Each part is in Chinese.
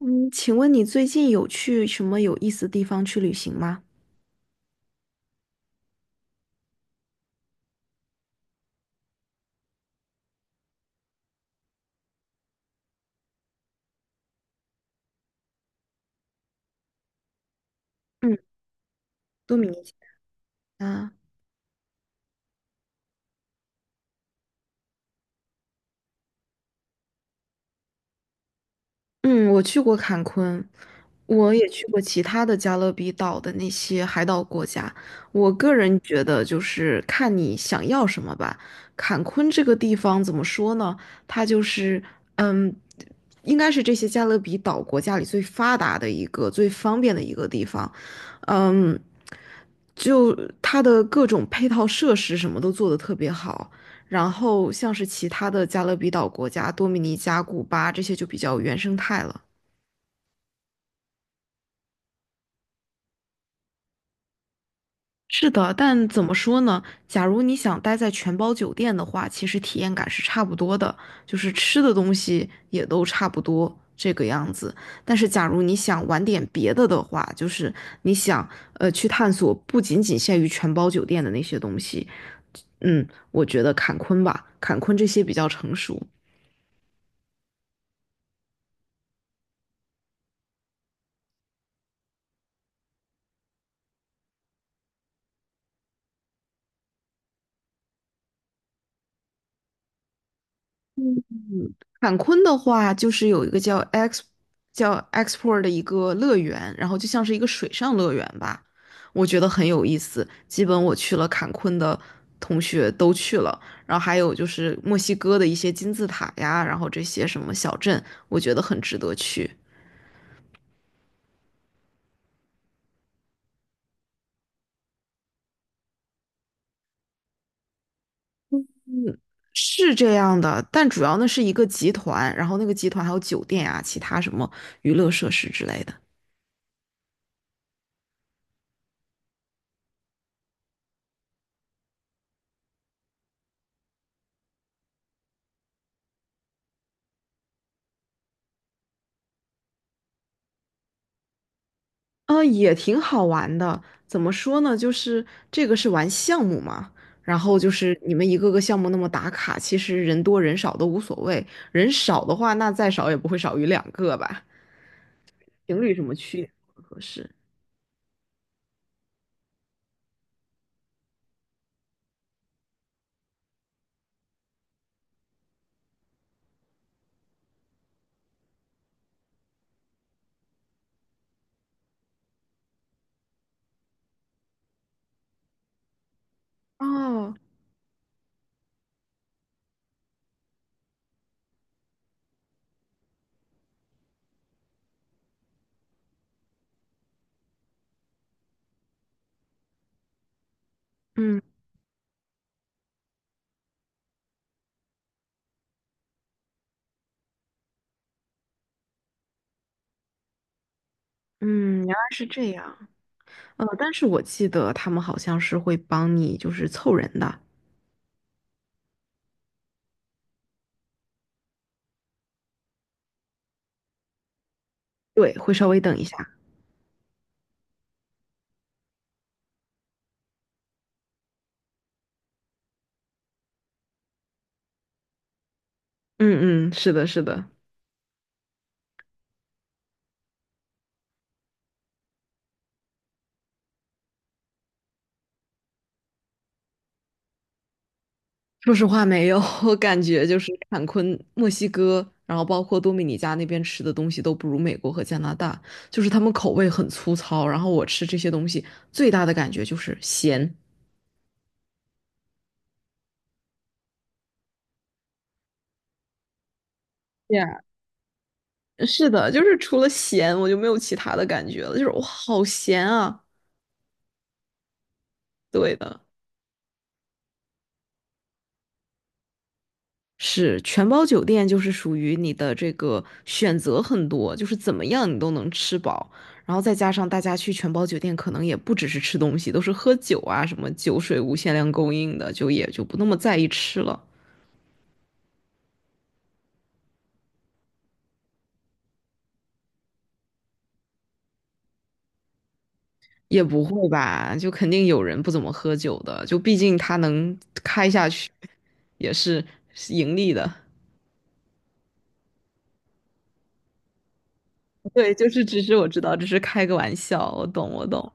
嗯，请问你最近有去什么有意思的地方去旅行吗？嗯，多米尼加。嗯，我去过坎昆，我也去过其他的加勒比岛的那些海岛国家。我个人觉得，就是看你想要什么吧。坎昆这个地方怎么说呢？它就是，嗯，应该是这些加勒比岛国家里最发达的一个、最方便的一个地方。嗯，就它的各种配套设施什么都做得特别好。然后像是其他的加勒比岛国家，多米尼加、古巴这些就比较原生态了。是的，但怎么说呢？假如你想待在全包酒店的话，其实体验感是差不多的，就是吃的东西也都差不多这个样子。但是假如你想玩点别的的话，就是你想去探索不仅仅限于全包酒店的那些东西，嗯，我觉得坎昆吧，坎昆这些比较成熟。坎昆的话，就是有一个叫 X 叫 XPORE 的一个乐园，然后就像是一个水上乐园吧，我觉得很有意思。基本我去了坎昆的同学都去了，然后还有就是墨西哥的一些金字塔呀，然后这些什么小镇，我觉得很值得去。是这样的，但主要那是一个集团，然后那个集团还有酒店呀，其他什么娱乐设施之类的。也挺好玩的。怎么说呢？就是这个是玩项目嘛，然后就是你们一个个项目那么打卡，其实人多人少都无所谓。人少的话，那再少也不会少于两个吧？情侣什么去也不合适。哦，嗯嗯，原来是这样。但是我记得他们好像是会帮你就是凑人的，对，会稍微等一下。嗯嗯，是的，是的。说实话，没有，我感觉就是坎昆、墨西哥，然后包括多米尼加那边吃的东西都不如美国和加拿大，就是他们口味很粗糙。然后我吃这些东西最大的感觉就是咸。对，是的，就是除了咸，我就没有其他的感觉了，就是我好咸啊！对的。是全包酒店，就是属于你的这个选择很多，就是怎么样你都能吃饱。然后再加上大家去全包酒店，可能也不只是吃东西，都是喝酒啊，什么酒水无限量供应的，就也就不那么在意吃了。也不会吧，就肯定有人不怎么喝酒的，就毕竟他能开下去也是盈利的。对，就是只是我知道，只是开个玩笑，我懂，我懂。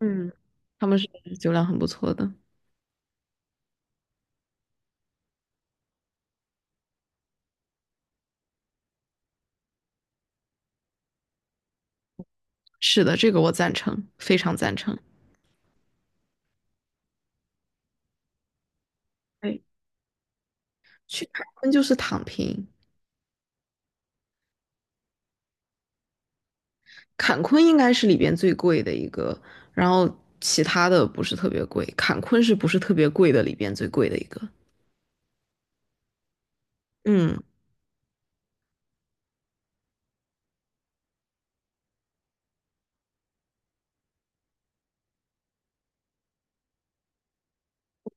嗯，他们是酒量很不错的。是的，这个我赞成，非常赞成。对，去坎昆就是躺平。坎昆应该是里边最贵的一个，然后其他的不是特别贵，坎昆是不是特别贵的里边最贵的一个？嗯。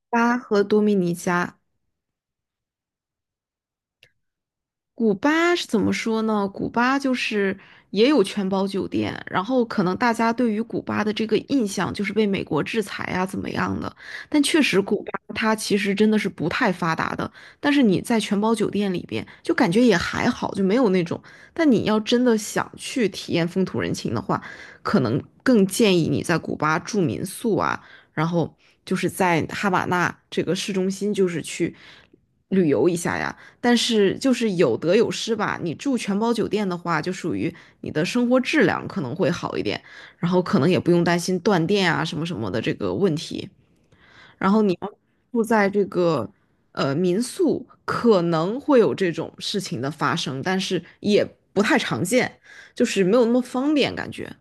巴和多米尼加。古巴是怎么说呢？古巴就是也有全包酒店，然后可能大家对于古巴的这个印象就是被美国制裁啊怎么样的，但确实古巴它其实真的是不太发达的，但是你在全包酒店里边就感觉也还好，就没有那种。但你要真的想去体验风土人情的话，可能更建议你在古巴住民宿啊，然后就是在哈瓦那这个市中心就是去旅游一下呀。但是就是有得有失吧。你住全包酒店的话，就属于你的生活质量可能会好一点，然后可能也不用担心断电啊什么什么的这个问题。然后你要住在这个民宿，可能会有这种事情的发生，但是也不太常见，就是没有那么方便感觉。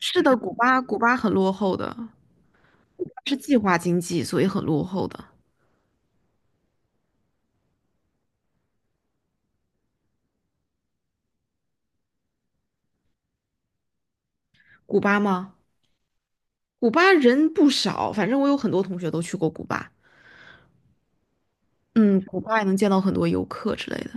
是的，古巴很落后的，是计划经济，所以很落后的。古巴吗？古巴人不少，反正我有很多同学都去过古巴。嗯，古巴也能见到很多游客之类的。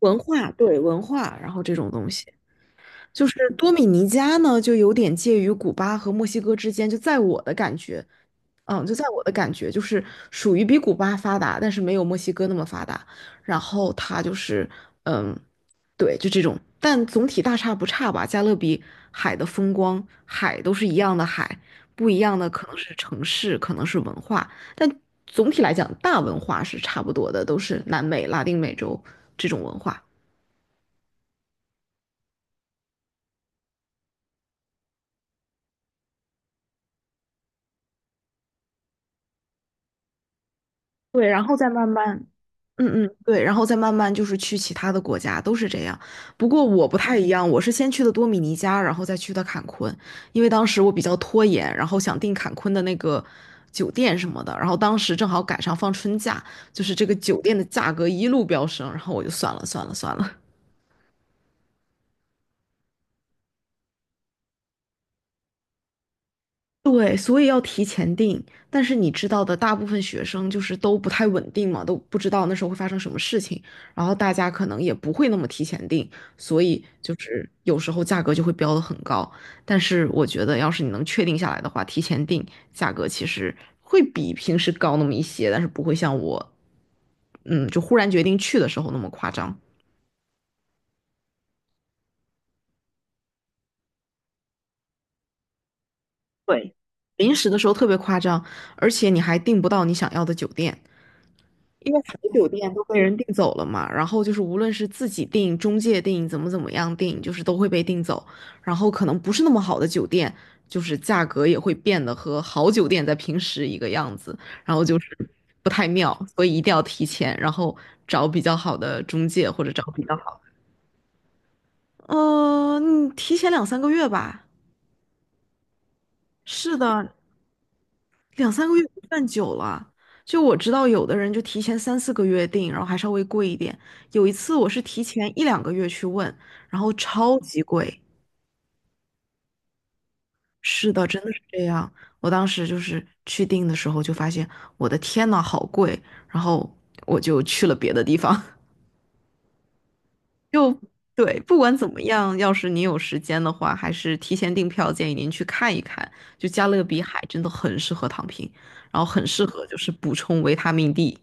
文化，对文化，然后这种东西，就是多米尼加呢，就有点介于古巴和墨西哥之间，就在我的感觉，嗯，就在我的感觉，就是属于比古巴发达，但是没有墨西哥那么发达。然后它就是，嗯，对，就这种，但总体大差不差吧。加勒比海的风光，海都是一样的海，不一样的可能是城市，可能是文化，但总体来讲，大文化是差不多的，都是南美、拉丁美洲这种文化。对，然后再慢慢。嗯嗯，对，然后再慢慢就是去其他的国家，都是这样。不过我不太一样，我是先去的多米尼加，然后再去的坎昆，因为当时我比较拖延，然后想订坎昆的那个酒店什么的，然后当时正好赶上放春假，就是这个酒店的价格一路飙升，然后我就算了算了算了。对，所以要提前订。但是你知道的，大部分学生就是都不太稳定嘛，都不知道那时候会发生什么事情，然后大家可能也不会那么提前订，所以就是有时候价格就会标的很高。但是我觉得，要是你能确定下来的话，提前订价格其实会比平时高那么一些，但是不会像我，嗯，就忽然决定去的时候那么夸张。对，临时的时候特别夸张，而且你还订不到你想要的酒店。因为好酒店都被人订走了嘛，然后就是无论是自己订、中介订、怎么怎么样订，就是都会被订走。然后可能不是那么好的酒店，就是价格也会变得和好酒店在平时一个样子，然后就是不太妙，所以一定要提前，然后找比较好的中介或者找比较好的。提前两三个月吧。是的，两三个月不算久了。就我知道，有的人就提前三四个月订，然后还稍微贵一点。有一次我是提前一两个月去问，然后超级贵。是的，真的是这样。我当时就是去订的时候就发现，我的天呐，好贵！然后我就去了别的地方。就对，不管怎么样，要是你有时间的话，还是提前订票，建议您去看一看。就加勒比海真的很适合躺平，然后很适合就是补充维他命 D。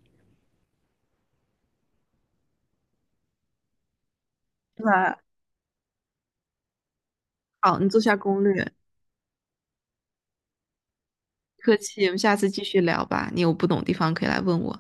对，好，你做下攻略，客气，我们下次继续聊吧。你有不懂的地方可以来问我。